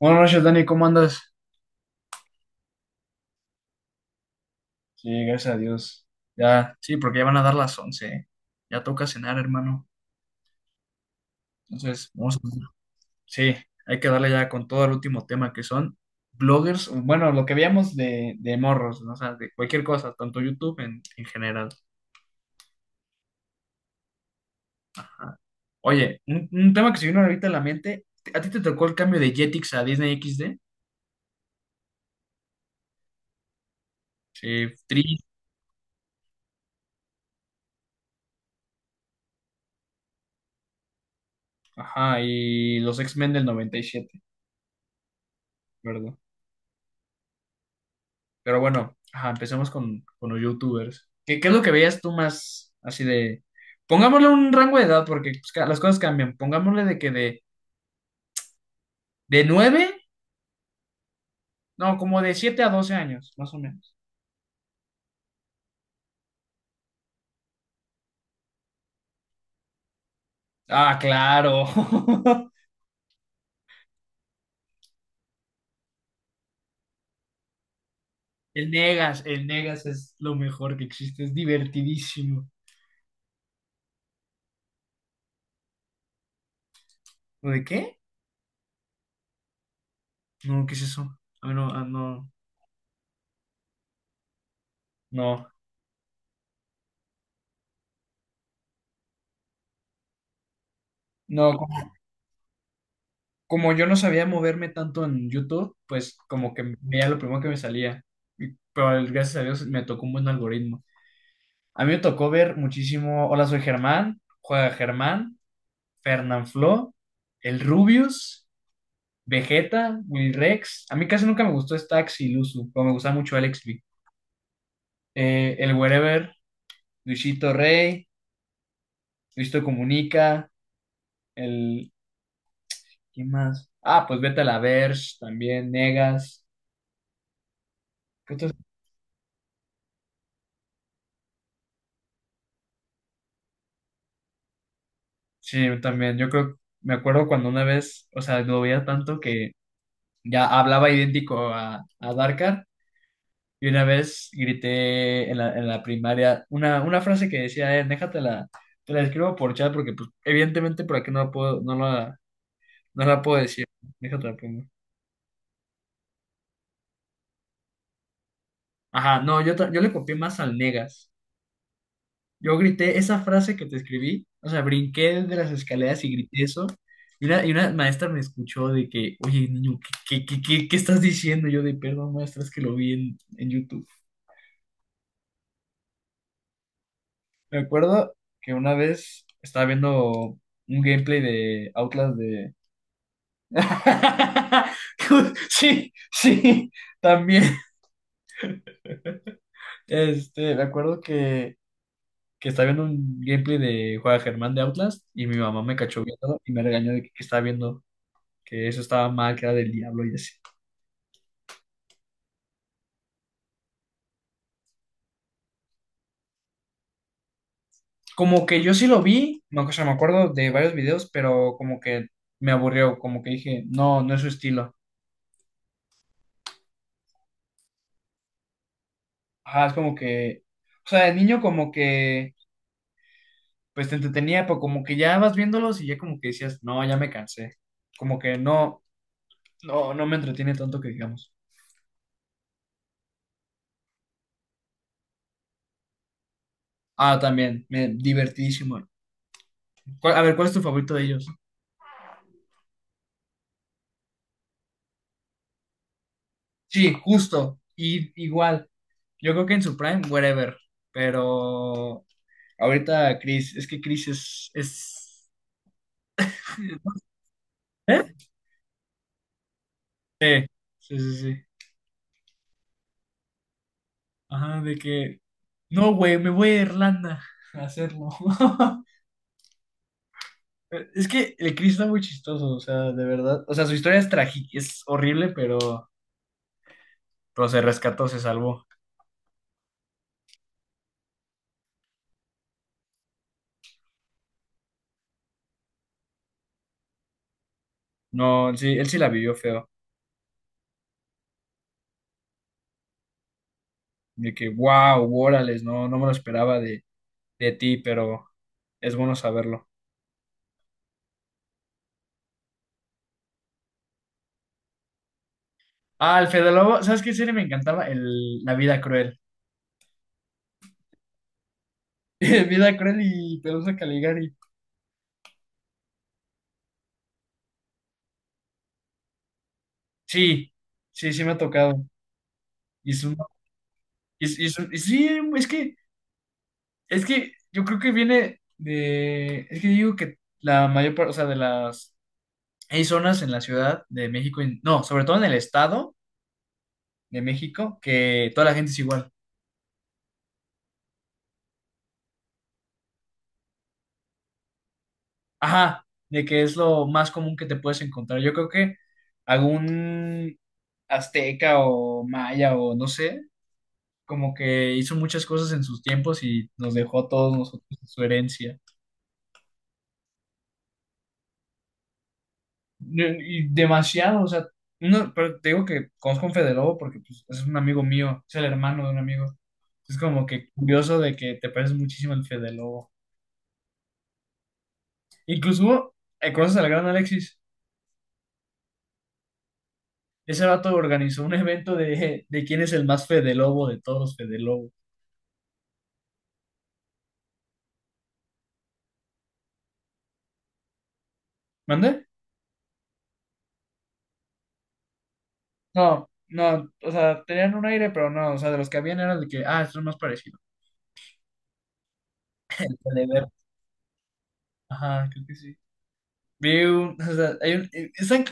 Buenas noches, Dani, ¿cómo andas? Sí, gracias a Dios. Ya, sí, porque ya van a dar las 11, ¿eh? Ya toca cenar, hermano. Entonces, vamos a... Sí, hay que darle ya con todo al último tema, que son bloggers, bueno, lo que veíamos de, morros, ¿no? O sea, de cualquier cosa, tanto YouTube en general. Ajá. Oye, un tema que se vino ahorita a la mente, ¿a ti te tocó el cambio de Jetix a Disney XD? Sí, Tri, ajá, y los X-Men del 97, ¿verdad? Pero bueno, ajá, empecemos con, los youtubers. ¿Qué es lo que veías tú más así de... Pongámosle un rango de edad porque pues, las cosas cambian. Pongámosle de que de, 9 no, como de 7 a 12 años, más o menos. Ah, claro. El Negas es lo mejor que existe, es divertidísimo. ¿Lo de qué? No, ¿qué es eso? Ah, no, ah, no, no, no. Como yo no sabía moverme tanto en YouTube, pues como que veía lo primero que me salía. Gracias a Dios me tocó un buen algoritmo. A mí me tocó ver muchísimo Hola, soy Germán, Juega Germán, Fernanfloo, El Rubius, Vegeta, Will Rex. A mí casi nunca me gustó Stax y Luzu, pero me gustaba mucho Alex B. El Wherever, Luisito Rey, Luisito Comunica, el... ¿Quién más? Ah, pues Vete a la Verge, también Negas. ¿Qué otros? Sí, yo también. Yo creo, me acuerdo cuando una vez, o sea, lo veía tanto que ya hablaba idéntico a, Darkar y una vez grité en la, primaria una frase que decía, déjate la, te la escribo por chat porque pues evidentemente por aquí no la puedo, no la puedo decir. Déjate la pongo. Ajá, no, yo le copié más al Negas. Yo grité esa frase que te escribí, o sea, brinqué de las escaleras y grité eso. Y una maestra me escuchó de que, oye, niño, ¿qué estás diciendo? Yo de, perdón, maestra, es que lo vi en, YouTube. Me acuerdo que una vez estaba viendo un gameplay de Outlast de... Sí, sí, también. Me acuerdo que estaba viendo un gameplay de Juan Germán de Outlast y mi mamá me cachó viéndolo y me regañó de que estaba viendo, que eso estaba mal, que era del diablo y así. Como que yo sí lo vi, o sea, me acuerdo de varios videos, pero como que me aburrió, como que dije, no, no es su estilo. Ajá, es como que, o sea, el niño como que, pues te entretenía, pero como que ya vas viéndolos y ya como que decías, no, ya me cansé. Como que no, no, no me entretiene tanto que digamos. Ah, también, me, divertidísimo. A ver, ¿cuál es tu favorito de ellos? Sí, justo, y igual, yo creo que en su prime, whatever, pero... Ahorita Chris, es que Chris es... ¿Eh? Sí, sí, sí, sí. Ajá, de que... No, güey, me voy a Irlanda a hacerlo. Es que el Chris está muy chistoso, o sea, de verdad. O sea, su historia es trágica, es horrible, pero se rescató, se salvó. No, sí, él sí la vivió feo. De que, wow, órales, no, no me lo esperaba de, ti, pero es bueno saberlo. Ah, el Fede Lobo, ¿sabes qué serie me encantaba? La vida cruel. Vida cruel y Pelusa Caligari. Sí, sí, sí me ha tocado. Y es un- y es un- y sí, es que, es que yo creo que viene de, es que digo que la mayor parte, o sea, de las, hay zonas en la Ciudad de México, no, sobre todo en el Estado de México, que toda la gente es igual. Ajá, de que es lo más común que te puedes encontrar. Yo creo que algún azteca o maya o no sé, como que hizo muchas cosas en sus tiempos y nos dejó a todos nosotros su herencia. Y demasiado, o sea, no, pero te digo que conozco a un Fede Lobo porque pues, es un amigo mío, es el hermano de un amigo. Es como que curioso de que te pareces muchísimo al Fede Lobo. Incluso, hubo, ¿conoces al gran Alexis? Ese vato organizó un evento de, quién es el más Fede Lobo de todos los Fede Lobo. ¿Mande? No, no, o sea, tenían un aire, pero no, o sea, de los que habían era de que, ah, esto es más parecido. De ver. Ajá, creo que sí. Vi un, o sea, hay un, están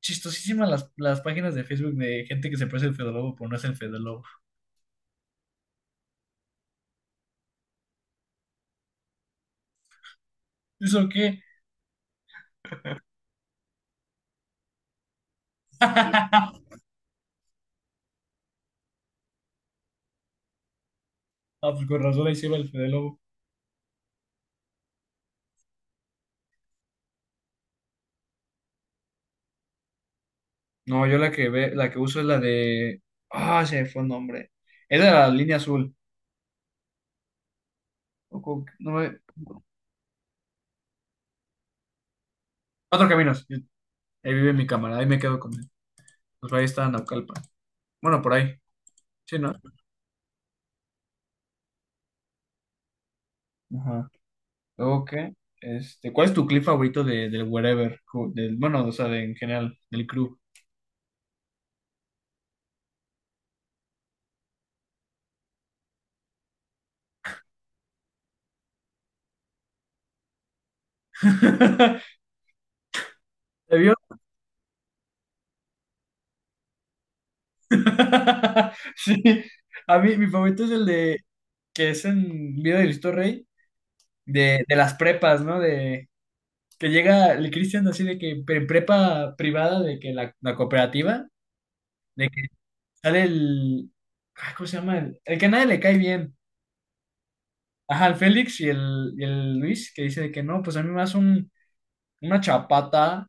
chistosísimas las, páginas de Facebook de gente que se parece al Fede Lobo, pero no es el Fede Lobo. ¿Eso qué? Ah, pues con razón ahí se va el Fede Lobo. No, yo la que ve, la que uso es la de. Ah, se me fue el nombre. Es de la línea azul. O con- no me- Cuatro Caminos. Ahí vive mi cámara, ahí me quedo con él. Pues ahí está Naucalpan. Bueno, por ahí. Sí, ¿no? Ajá. Luego, ¿qué? ¿Cuál es tu clip favorito del Wherever? Del, bueno, o sea, de, en general, del crew. ¿Te vio? Sí, a mí mi favorito es el de que es en Vida de Cristo Rey, de las prepas, ¿no? De que llega el Cristian así de que prepa privada, de que la cooperativa, de que sale el, ¿cómo se llama? El que a nadie le cae bien. Ajá, el Félix y el Luis, que dice de que no, pues a mí me hace un, una chapata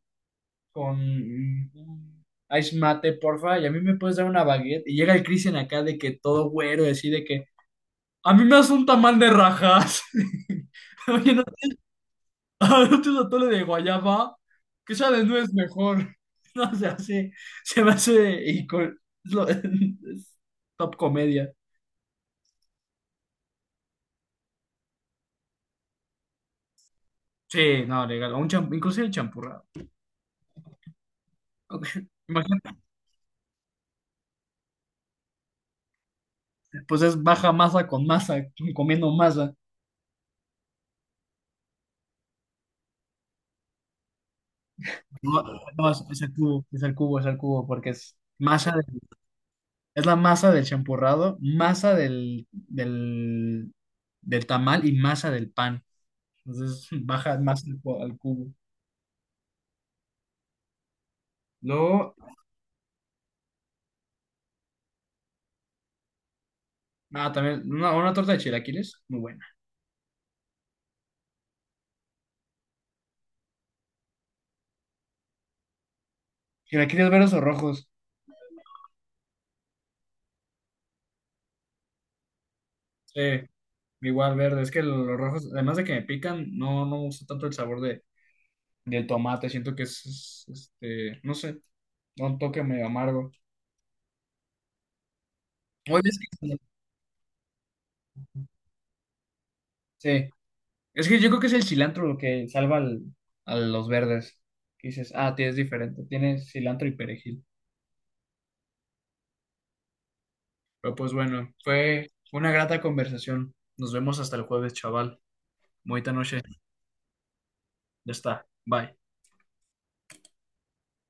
con un ice mate, porfa, y a mí me puedes dar una baguette. Y llega el Cristian acá de que todo güero, así de que a mí me hace un tamal de rajas. Oye, no, a no te atole de guayaba, que sea de nuez mejor. No se hace, se me hace ico- es top comedia. Sí, no, legal. Un inclusive el champurrado. Ok, imagínate, pues es baja masa con masa, comiendo masa. No, no, es el cubo, es el cubo, es el cubo, porque es masa, es la masa del champurrado, masa del tamal y masa del pan. Entonces baja más al, al cubo. Luego, también una torta de chilaquiles, muy buena. ¿Chilaquiles verdes o rojos? Sí, igual verde. Es que los rojos, además de que me pican, no, no me gusta tanto el sabor de, del tomate. Siento que es, no sé, da un toque medio amargo. Oye, es que, sí, es que yo creo que es el cilantro lo que salva al, a los verdes. Que dices, ah, tienes diferente, tienes cilantro y perejil. Pero pues bueno, fue una grata conversación. Nos vemos hasta el jueves, chaval. Bonita noche. Ya está. Bye.